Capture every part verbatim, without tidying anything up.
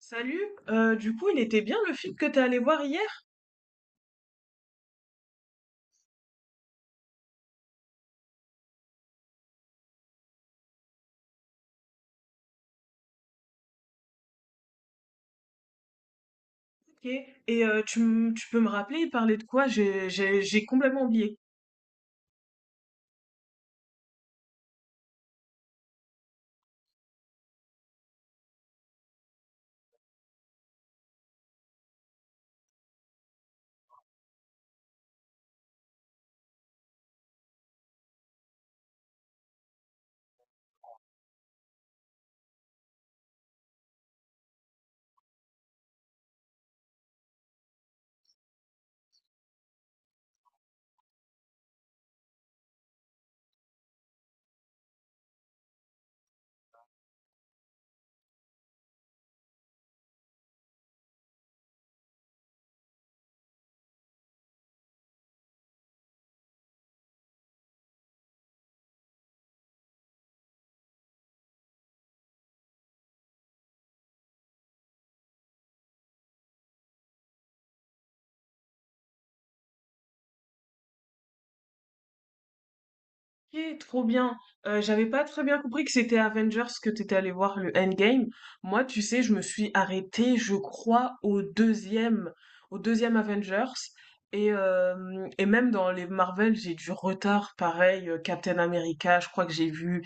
Salut, euh, du coup, il était bien le film que t'es allé voir hier? Ok. Et euh, tu, m- tu peux me rappeler, il parlait de quoi? J'ai j'ai- j'ai complètement oublié. Ok, trop bien. Euh, j'avais pas très bien compris que c'était Avengers que t'étais allé voir le Endgame. Moi, tu sais, je me suis arrêtée, je crois, au deuxième, au deuxième Avengers. Et, euh, et même dans les Marvel, j'ai du retard, pareil, euh, Captain America, je crois que j'ai vu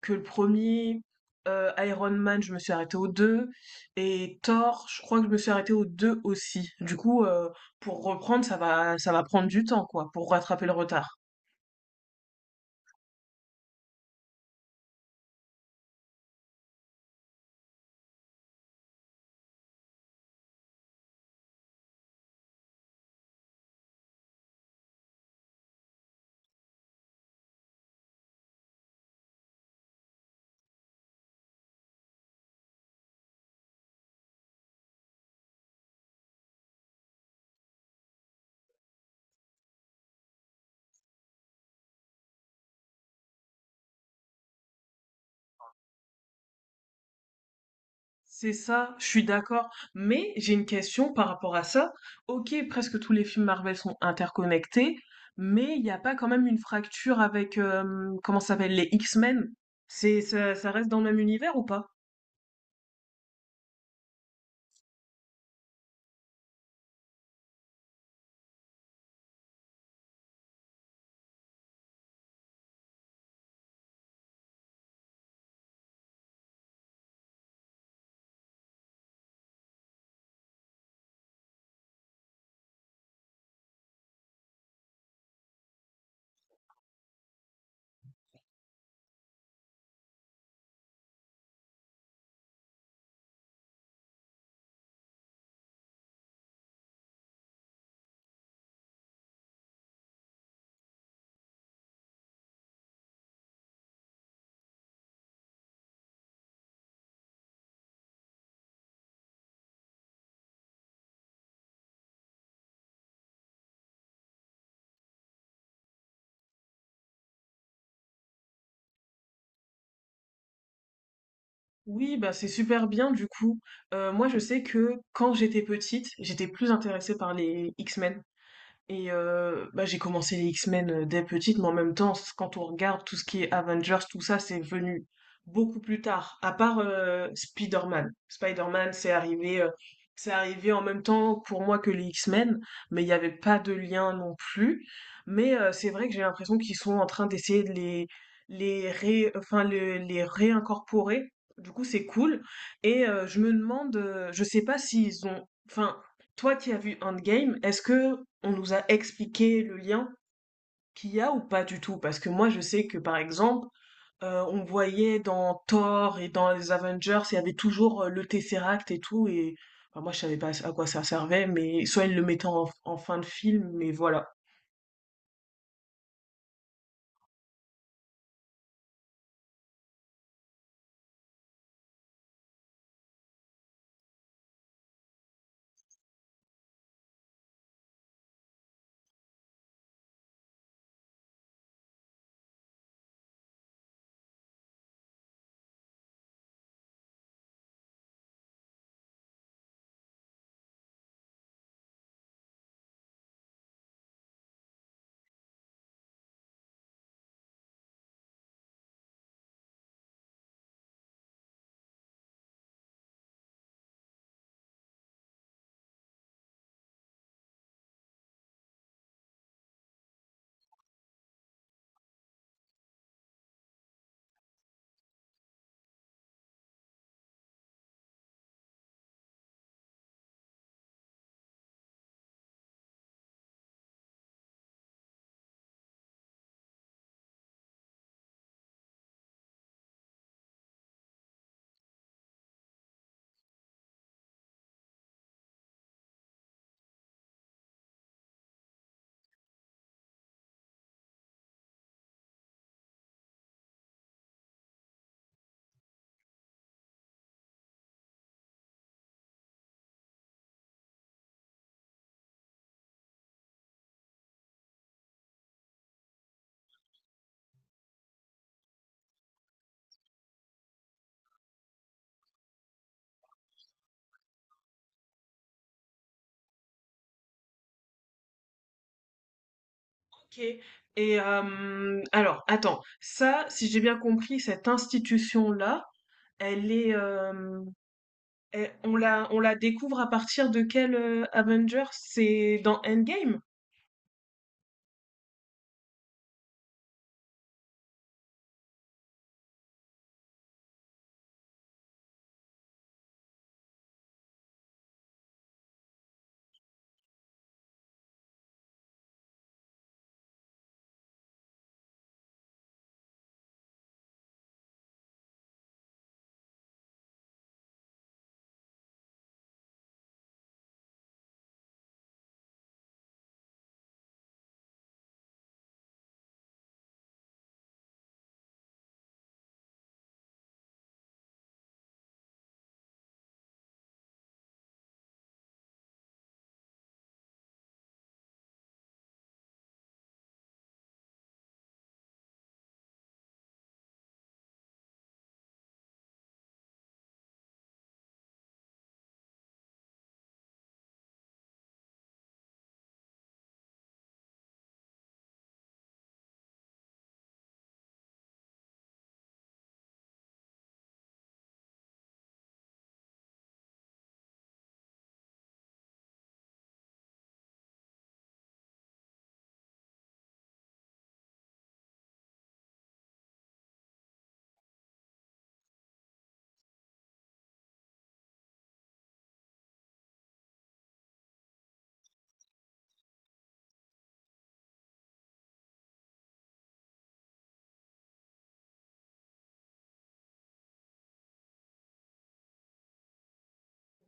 que le premier er Iron Man, je me suis arrêtée au deux et Thor, je crois que je me suis arrêtée au deux aussi. Du coup, heu, pour reprendre, ça va ça va prendre du temps, quoi, pour rattraper le retard. C'est ça, je suis d'accord, mais j'ai une question par rapport à ça. OK, presque tous les films Marvel sont interconnectés, mais il y a pas quand même une fracture avec, hem, comment ça s'appelle? Les X-Men? C'est ça, ça reste dans le même univers ou pas? Oui, bah c'est super bien du coup. Euh, moi, je sais que quand j'étais petite, j'étais plus intéressée par les X-Men. Et euh, bah, j'ai commencé les X-Men euh, dès petite, mais en même temps, c- quand on regarde tout ce qui est Avengers, tout ça, c'est venu beaucoup plus tard. À part euh, Spider-Man. Spider-Man, c'est arrivé, euh, c'est arrivé en même temps pour moi que les X-Men, mais il n'y avait pas de lien non plus. Mais euh, c'est vrai que j'ai l'impression qu'ils sont en train d'essayer de les, les, ré, enfin, le- les réincorporer. Du coup, c'est cool. Et euh, je me demande, euh, je sais pas s'ils ont, enfin, toi qui as vu Endgame, est-ce que on nous a expliqué le lien qu'il y a ou pas du tout? Parce que moi je sais que par exemple, euh, on voyait dans Thor et dans les Avengers, il y avait toujours euh, le Tesseract et tout, et enfin, moi je savais pas à quoi ça servait, mais soit ils le mettaient en, en fin de film, mais voilà. Ok. Et euh, alors, attends, ça, si j'ai bien compris, cette institution-là, elle est, euh, elle- on la, on la découvre à partir de quel euh, Avengers? C'est dans Endgame?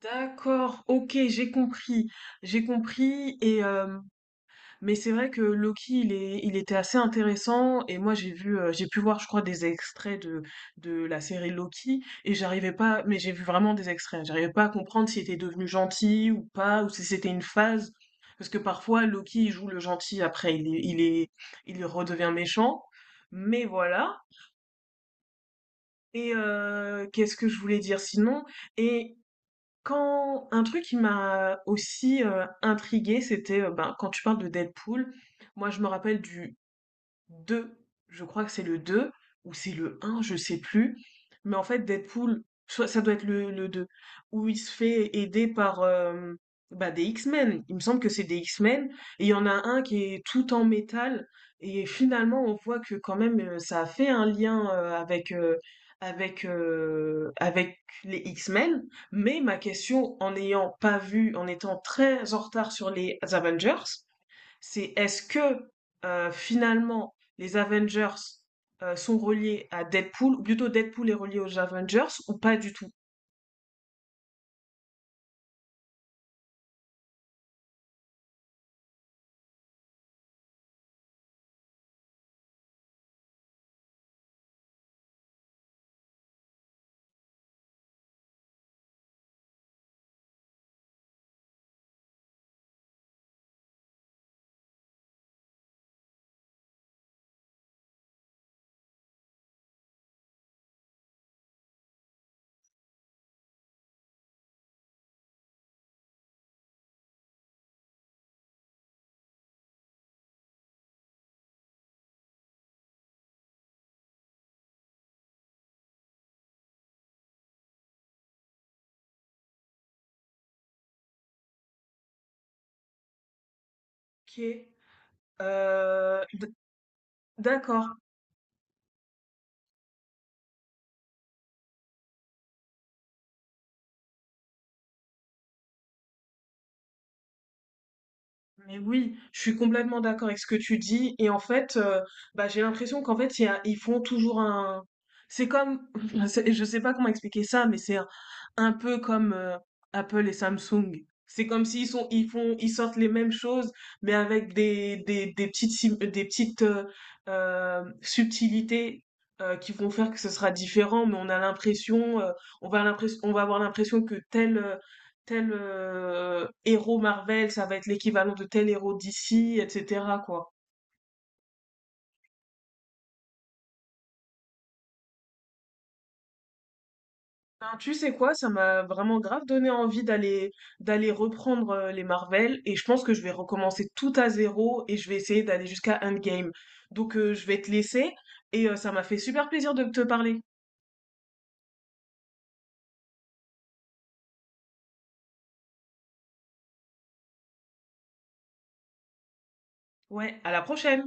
D'accord, ok, j'ai compris, j'ai compris. Et euh, mais c'est vrai que Loki, il est, il était assez intéressant. Et moi, j'ai vu, euh, j'ai pu voir, je crois, des extraits de de la série Loki. Et j'arrivais pas, mais j'ai vu vraiment des extraits. J'arrivais pas à comprendre s'il était devenu gentil ou pas, ou si c'était une phase. Parce que parfois, Loki, il joue le gentil, après, il est, il est, il redevient méchant. Mais voilà. Et euh, qu'est-ce que je voulais dire sinon? Et quand un truc qui m'a aussi, heu, intriguée, c'était, heu, ben, quand tu parles de Deadpool, moi je me rappelle du deux, je crois que c'est le deux ou c'est le un, je sais plus. Mais en fait, Deadpool, soit ça doit être le, le deux où il se fait aider par euh, bah, des X-Men. Il me semble que c'est des X-Men. Et il y en a un qui est tout en métal. Et finalement, on voit que quand même, euh, ça a fait un lien euh, avec, euh, avec, euh, avec les X-Men. Mais ma question, en n'ayant pas vu, en étant très en retard sur les Avengers, c'est est-ce que euh, finalement les Avengers euh, sont reliés à Deadpool, ou plutôt Deadpool est relié aux Avengers, ou pas du tout. Ok. Euh, d- d'accord. Mais oui, je suis complètement d'accord avec ce que tu dis. Et en fait, euh, bah, j'ai l'impression qu'en fait, il y a- ils font toujours un... C'est comme... c'est- Je sais pas comment expliquer ça, mais c'est un, un peu comme euh, Apple et Samsung. C'est comme s'ils sont, ils font, ils sortent les mêmes choses, mais avec des, des, des petites, sim- des petites euh, euh, subtilités euh, qui vont faire que ce sera différent. Mais on a l'impression, euh, on va l'impression, on va avoir l'impression que tel euh, tel euh, héros Marvel, ça va être l'équivalent de tel héros D C, et cetera quoi. Ben, tu sais quoi, ça m'a vraiment grave donné envie d'aller d'aller reprendre euh, les Marvel et je pense que je vais recommencer tout à zéro et je vais essayer d'aller jusqu'à Endgame. Donc euh, je vais te laisser et euh, ça m'a fait super plaisir de te parler. Ouais, à la prochaine!